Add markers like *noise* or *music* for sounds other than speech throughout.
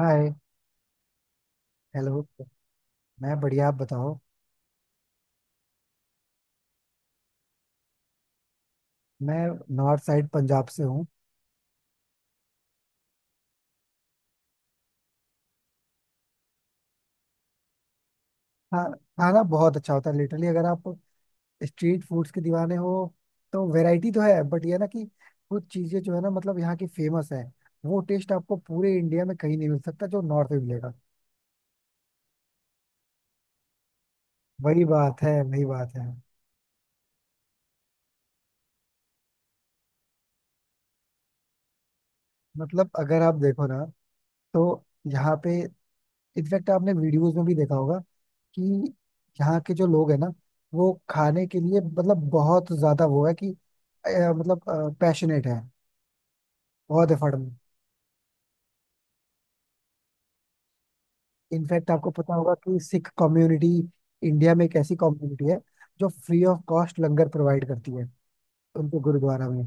हाय। Hello. मैं बढ़िया, आप बताओ। मैं नॉर्थ साइड पंजाब से हूँ। हाँ, खाना बहुत अच्छा होता है, लिटरली अगर आप स्ट्रीट फूड्स के दीवाने हो तो वैरायटी तो है, बट ये ना कि कुछ चीज़ें जो है ना मतलब यहाँ की फेमस है, वो टेस्ट आपको पूरे इंडिया में कहीं नहीं मिल सकता जो नॉर्थ में मिलेगा। वही बात है, वही बात है। मतलब अगर आप देखो ना, तो यहाँ पे इनफैक्ट आपने वीडियोस में भी देखा होगा कि यहाँ के जो लोग हैं ना, वो खाने के लिए मतलब बहुत ज्यादा वो है कि अ, मतलब पैशनेट है, बहुत एफर्ट में। इनफैक्ट आपको पता होगा कि सिख कम्युनिटी इंडिया में एक ऐसी कम्युनिटी है जो free of cost langar provide करती है उनके गुरुद्वारा में।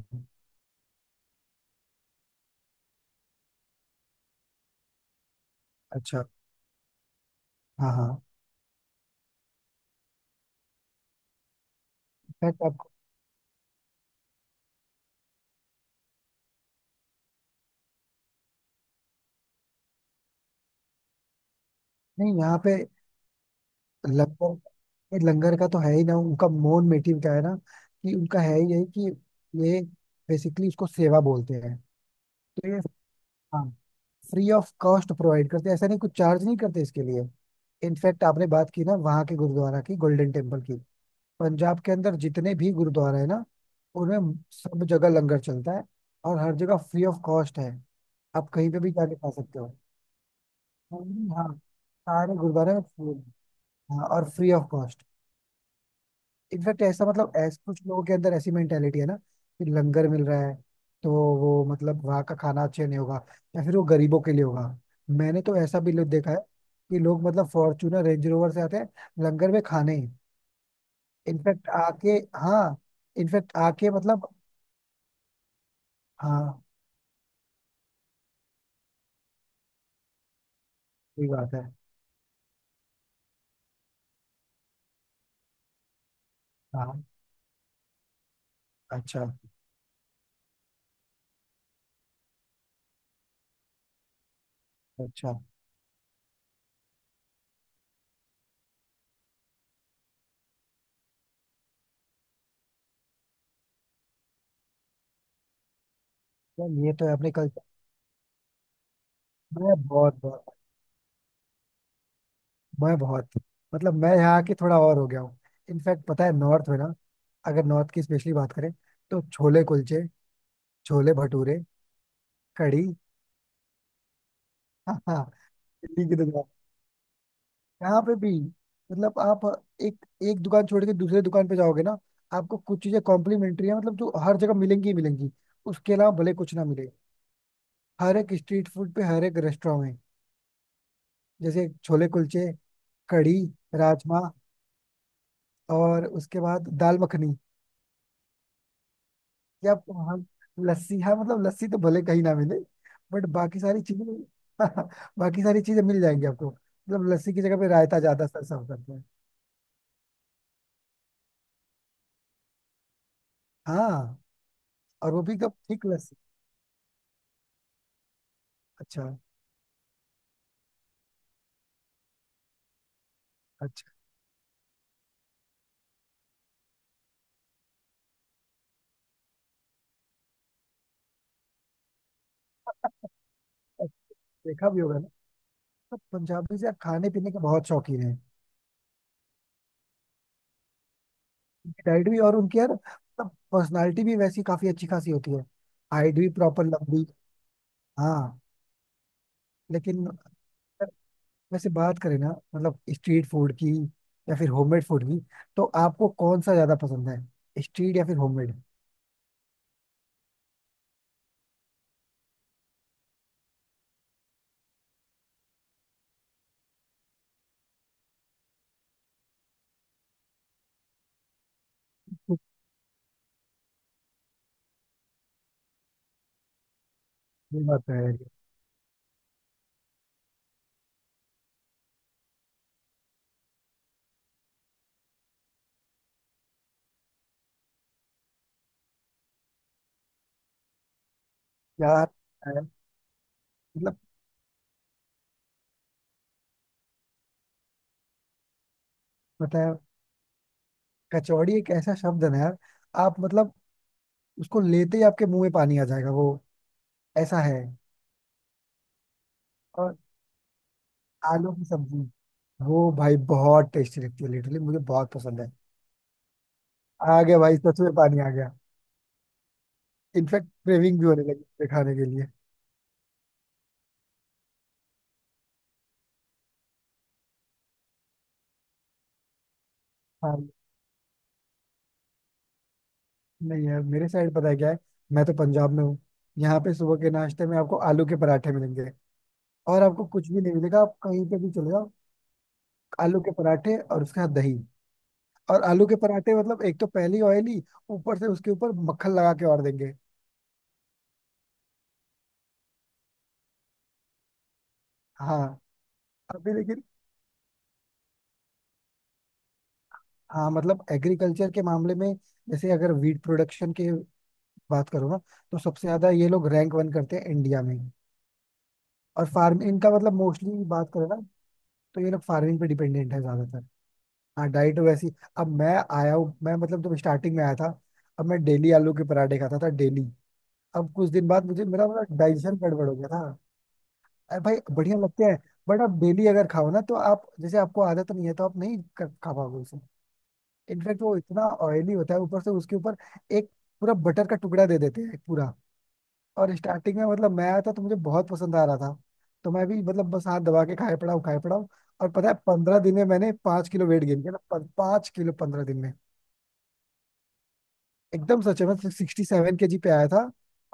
अच्छा। हाँ हाँ। इनफैक्ट आपको, नहीं यहाँ पे लंगर, ये लंगर का तो है ही ना, उनका मोन मोटिव क्या है ना कि उनका है ही यही कि ये बेसिकली उसको सेवा बोलते हैं। तो ये हाँ फ्री ऑफ कॉस्ट प्रोवाइड करते हैं, ऐसा नहीं कुछ चार्ज नहीं करते इसके लिए। इनफैक्ट आपने बात की ना वहाँ के गुरुद्वारा की, गोल्डन टेम्पल की। पंजाब के अंदर जितने भी गुरुद्वारा है ना, उनमें सब जगह लंगर चलता है और हर जगह फ्री ऑफ कॉस्ट है। आप कहीं पे भी जाके खा सकते हो। हाँ, सारे गुरुद्वारे में free है। हाँ और फ्री ऑफ कॉस्ट। इनफैक्ट ऐसा, मतलब ऐसा कुछ लोगों के अंदर ऐसी मेंटेलिटी है ना कि लंगर मिल रहा है तो वो, मतलब वहाँ का खाना अच्छा नहीं होगा या फिर वो गरीबों के लिए होगा। मैंने तो ऐसा भी लोग देखा है कि लोग मतलब फॉर्चूनर रेंज रोवर से आते हैं लंगर में खाने। इनफैक्ट आके, हाँ, इनफैक्ट आके मतलब। हाँ सही बात है। हाँ। अच्छा अच्छा। यार ये तो है अपने कल्चर में। बहुत बहुत मैं बहुत मतलब मैं यहाँ की थोड़ा और हो गया हूँ। इनफैक्ट पता है नॉर्थ में ना, अगर नॉर्थ की स्पेशली बात करें तो छोले कुलचे, छोले भटूरे, कढ़ी। हाँ हाँ। इडली की दुकान यहाँ पे भी, मतलब आप एक एक दुकान छोड़ के दूसरे दुकान पे जाओगे ना आपको कुछ चीजें कॉम्प्लीमेंट्री है, मतलब जो हर जगह मिलेंगी ही मिलेंगी, उसके अलावा भले कुछ ना मिले। हर एक स्ट्रीट फूड पे, हर एक रेस्टोरेंट में, जैसे छोले कुलचे, कढ़ी, राजमा और उसके बाद दाल मखनी, या हम लस्सी। हाँ मतलब लस्सी तो भले कहीं ना मिले बट बाकी सारी चीजें *laughs* बाकी सारी चीजें मिल जाएंगी आपको। मतलब लस्सी की जगह पे रायता ज्यादा सर सर्व करते हैं। हाँ और वो भी एकदम थिक लस्सी। अच्छा अच्छा। अब देखा भी होगा ना तो पंजाबी से खाने पीने के बहुत शौकीन है। उनकी डाइट भी और उनकी यार मतलब पर्सनालिटी भी वैसी काफी अच्छी खासी होती है। हाइट भी प्रॉपर लंबी। हाँ लेकिन वैसे बात करें ना, मतलब स्ट्रीट फूड की या फिर होममेड फूड की, तो आपको कौन सा ज्यादा पसंद है, स्ट्रीट या फिर होममेड? ये बात तो है यार। अ, मतलब पता है कचौड़ी एक ऐसा शब्द है ना यार, आप मतलब उसको लेते ही आपके मुंह में पानी आ जाएगा। वो ऐसा है और आलू की सब्जी, वो भाई बहुत टेस्टी लगती है, लिटरली मुझे बहुत पसंद है। आ गया भाई सच में पानी आ गया। इनफैक्ट क्रेविंग भी होने लगी उसके खाने के लिए। हाँ नहीं यार, मेरे साइड पता है क्या है, मैं तो पंजाब में हूँ, यहाँ पे सुबह के नाश्ते में आपको आलू के पराठे मिलेंगे और आपको कुछ भी नहीं मिलेगा, आप कहीं पे भी चले जाओ, आलू के पराठे और उसके साथ दही। और आलू के पराठे मतलब एक तो पहली ऑयली, ऊपर से उसके ऊपर मक्खन लगा के और देंगे। हाँ अभी लेकिन, हाँ मतलब एग्रीकल्चर के मामले में, जैसे अगर वीट प्रोडक्शन की बात करो ना, तो सबसे ज्यादा ये लोग रैंक वन करते हैं इंडिया में। और फार्म इनका मतलब मोस्टली बात करें ना तो ये लोग फार्मिंग पे डिपेंडेंट है ज्यादातर। हाँ डाइट वैसी, अब मैं आया हूँ, मैं मतलब जब स्टार्टिंग में आया था, अब मैं डेली आलू के पराठे खाता था डेली, अब कुछ दिन बाद मुझे मेरा मतलब डाइजेशन गड़बड़ हो गया था। अरे भाई बढ़िया लगते हैं, बट आप डेली अगर खाओ ना तो आप, जैसे आपको आदत नहीं है तो आप नहीं कर, खा पाओगे उसे। इनफैक्ट वो इतना ऑयली होता है, ऊपर से उसके ऊपर एक पूरा बटर का टुकड़ा दे देते हैं पूरा। और स्टार्टिंग में मतलब मैं आया था तो मुझे बहुत पसंद आ रहा था, तो मैं भी मतलब बस हाथ दबा के खाए पड़ा हूँ खाए पड़ा हूँ। और पता है 15 दिन में मैंने 5 किलो वेट गेन किया था, 5 किलो 15 दिन में। एकदम सच है, मैं 67 kg पे आया था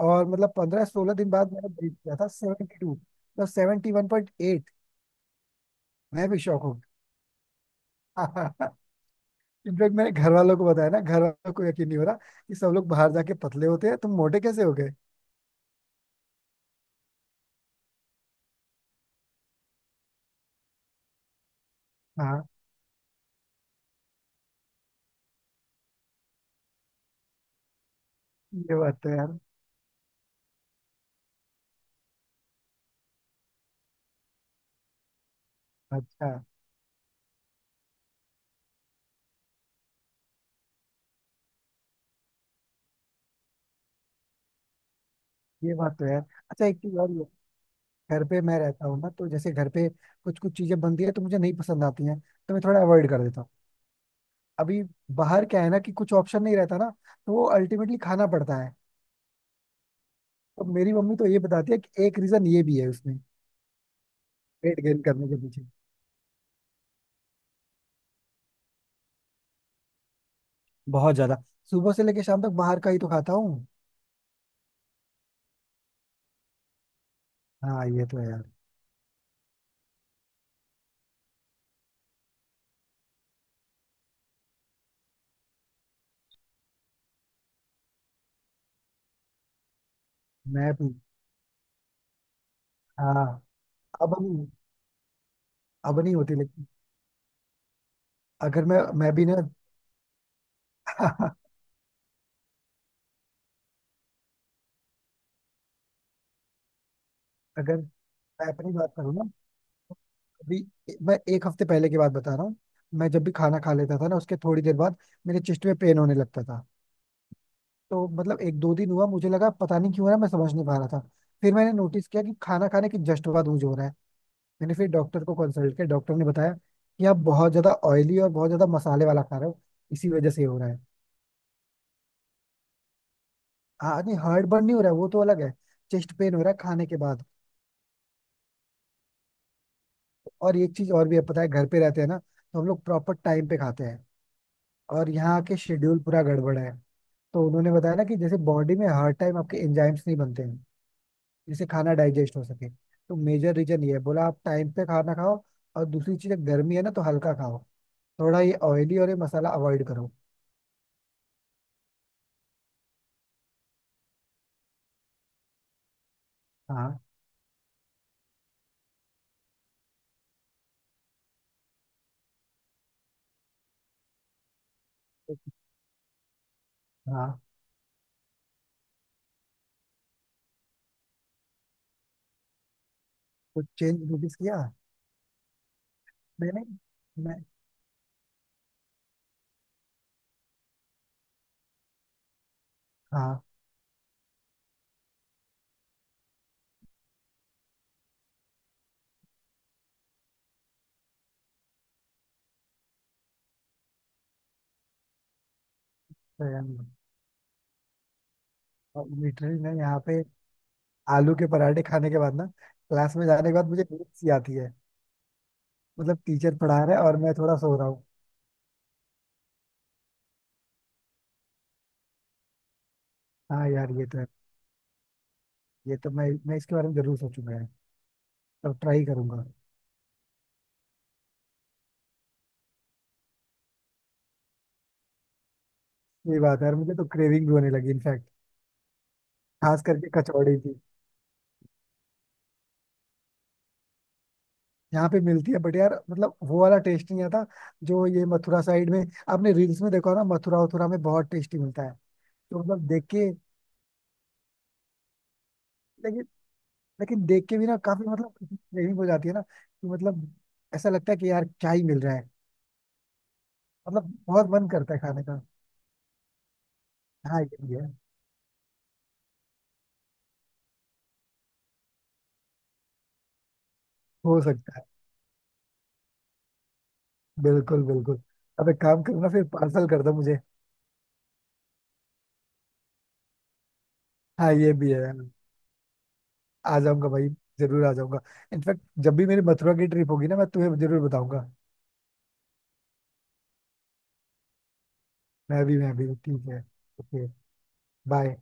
और मतलब 15-16 दिन बाद मैंने ब्रेक किया था 72, मतलब 71.8। मैं भी शौक हो गया। *laughs* इनफैक्ट मैंने घर वालों को बताया ना, घर वालों को यकीन नहीं हो रहा कि सब लोग बाहर जाके पतले होते हैं, तुम मोटे कैसे हो गए। हाँ ये बात तो यार। अच्छा। ये बात तो यार। अच्छा एक चीज और ये, घर पे मैं रहता हूँ ना तो जैसे घर पे कुछ कुछ चीजें बनती है तो मुझे नहीं पसंद आती हैं तो मैं थोड़ा अवॉइड कर देता हूँ। अभी बाहर क्या है ना कि कुछ ऑप्शन नहीं रहता ना, तो वो अल्टीमेटली खाना पड़ता है। तो मेरी मम्मी तो ये बताती है कि एक रीजन ये भी है उसमें वेट गेन करने के पीछे। बहुत ज्यादा सुबह से लेके शाम तक बाहर का ही तो खाता हूँ। हाँ ये तो है यार। मैं भी हाँ। अब नहीं, अब नहीं होती लेकिन। अगर मैं भी ना *laughs* अगर मैं अपनी बात करूँ ना। अभी मैं 1 हफ्ते पहले की बात बता रहा हूँ, मैं जब भी खाना खा लेता था ना उसके थोड़ी देर बाद मेरे चेस्ट में पेन होने लगता था। तो मतलब एक दो दिन हुआ, मुझे लगा पता नहीं क्यों हो रहा है, मैं समझ नहीं पा रहा था। फिर मैंने नोटिस किया कि खाना खाने के जस्ट बाद मुझे हो रहा है। मैंने फिर डॉक्टर को कंसल्ट किया, डॉक्टर ने बताया कि आप बहुत ज्यादा ऑयली और बहुत ज्यादा मसाले वाला खा रहे हो, इसी वजह से ये हो रहा है। हाँ नहीं, हार्ट बर्न नहीं हो रहा है, वो तो अलग है, चेस्ट पेन हो रहा है खाने के बाद। और एक चीज और भी है पता है, घर पे रहते हैं ना तो हम लोग प्रॉपर टाइम पे खाते हैं और यहाँ के शेड्यूल पूरा गड़बड़ है। तो उन्होंने बताया ना कि जैसे बॉडी में हर टाइम आपके एंजाइम्स नहीं बनते हैं जिससे खाना डाइजेस्ट हो सके, तो मेजर रीजन ये है, बोला आप टाइम पे खाना खाओ। और दूसरी चीज गर्मी है ना तो हल्का खाओ, थोड़ा ये ऑयली और ये मसाला अवॉइड करो। हाँ हाँ, कुछ चेंज नोटिस किया? मैंने मैं हाँ लिटरली मैं यहाँ पे आलू के पराठे खाने के बाद ना, क्लास में जाने के बाद मुझे नींद सी आती है, मतलब टीचर पढ़ा रहा है और मैं थोड़ा सो रहा हूँ। हाँ यार ये तो है, ये तो मैं इसके बारे में जरूर सोचूंगा यार और ट्राई करूंगा। ये बात है यार, मुझे तो क्रेविंग भी होने लगी इनफैक्ट, खास करके कचौड़ी की। यहाँ पे मिलती है बट यार मतलब वो वाला टेस्ट नहीं आता जो ये मथुरा साइड में, आपने रील्स में देखा होगा ना, मथुरा वथुरा में बहुत टेस्टी मिलता है। तो मतलब देख के, लेकिन, लेकिन देख के भी ना काफी मतलब क्रेविंग हो जाती है ना कि मतलब ऐसा लगता है कि यार क्या ही मिल रहा है, मतलब बहुत मन करता है खाने का। हाँ ये भी है। हो सकता है। बिल्कुल बिल्कुल। अब एक काम करो ना फिर पार्सल कर दो मुझे। हाँ ये भी है, आ जाऊंगा भाई, जरूर आ जाऊंगा, इनफैक्ट जब भी मेरी मथुरा की ट्रिप होगी ना मैं तुम्हें जरूर बताऊंगा। मैं भी ठीक है। ओके। बाय।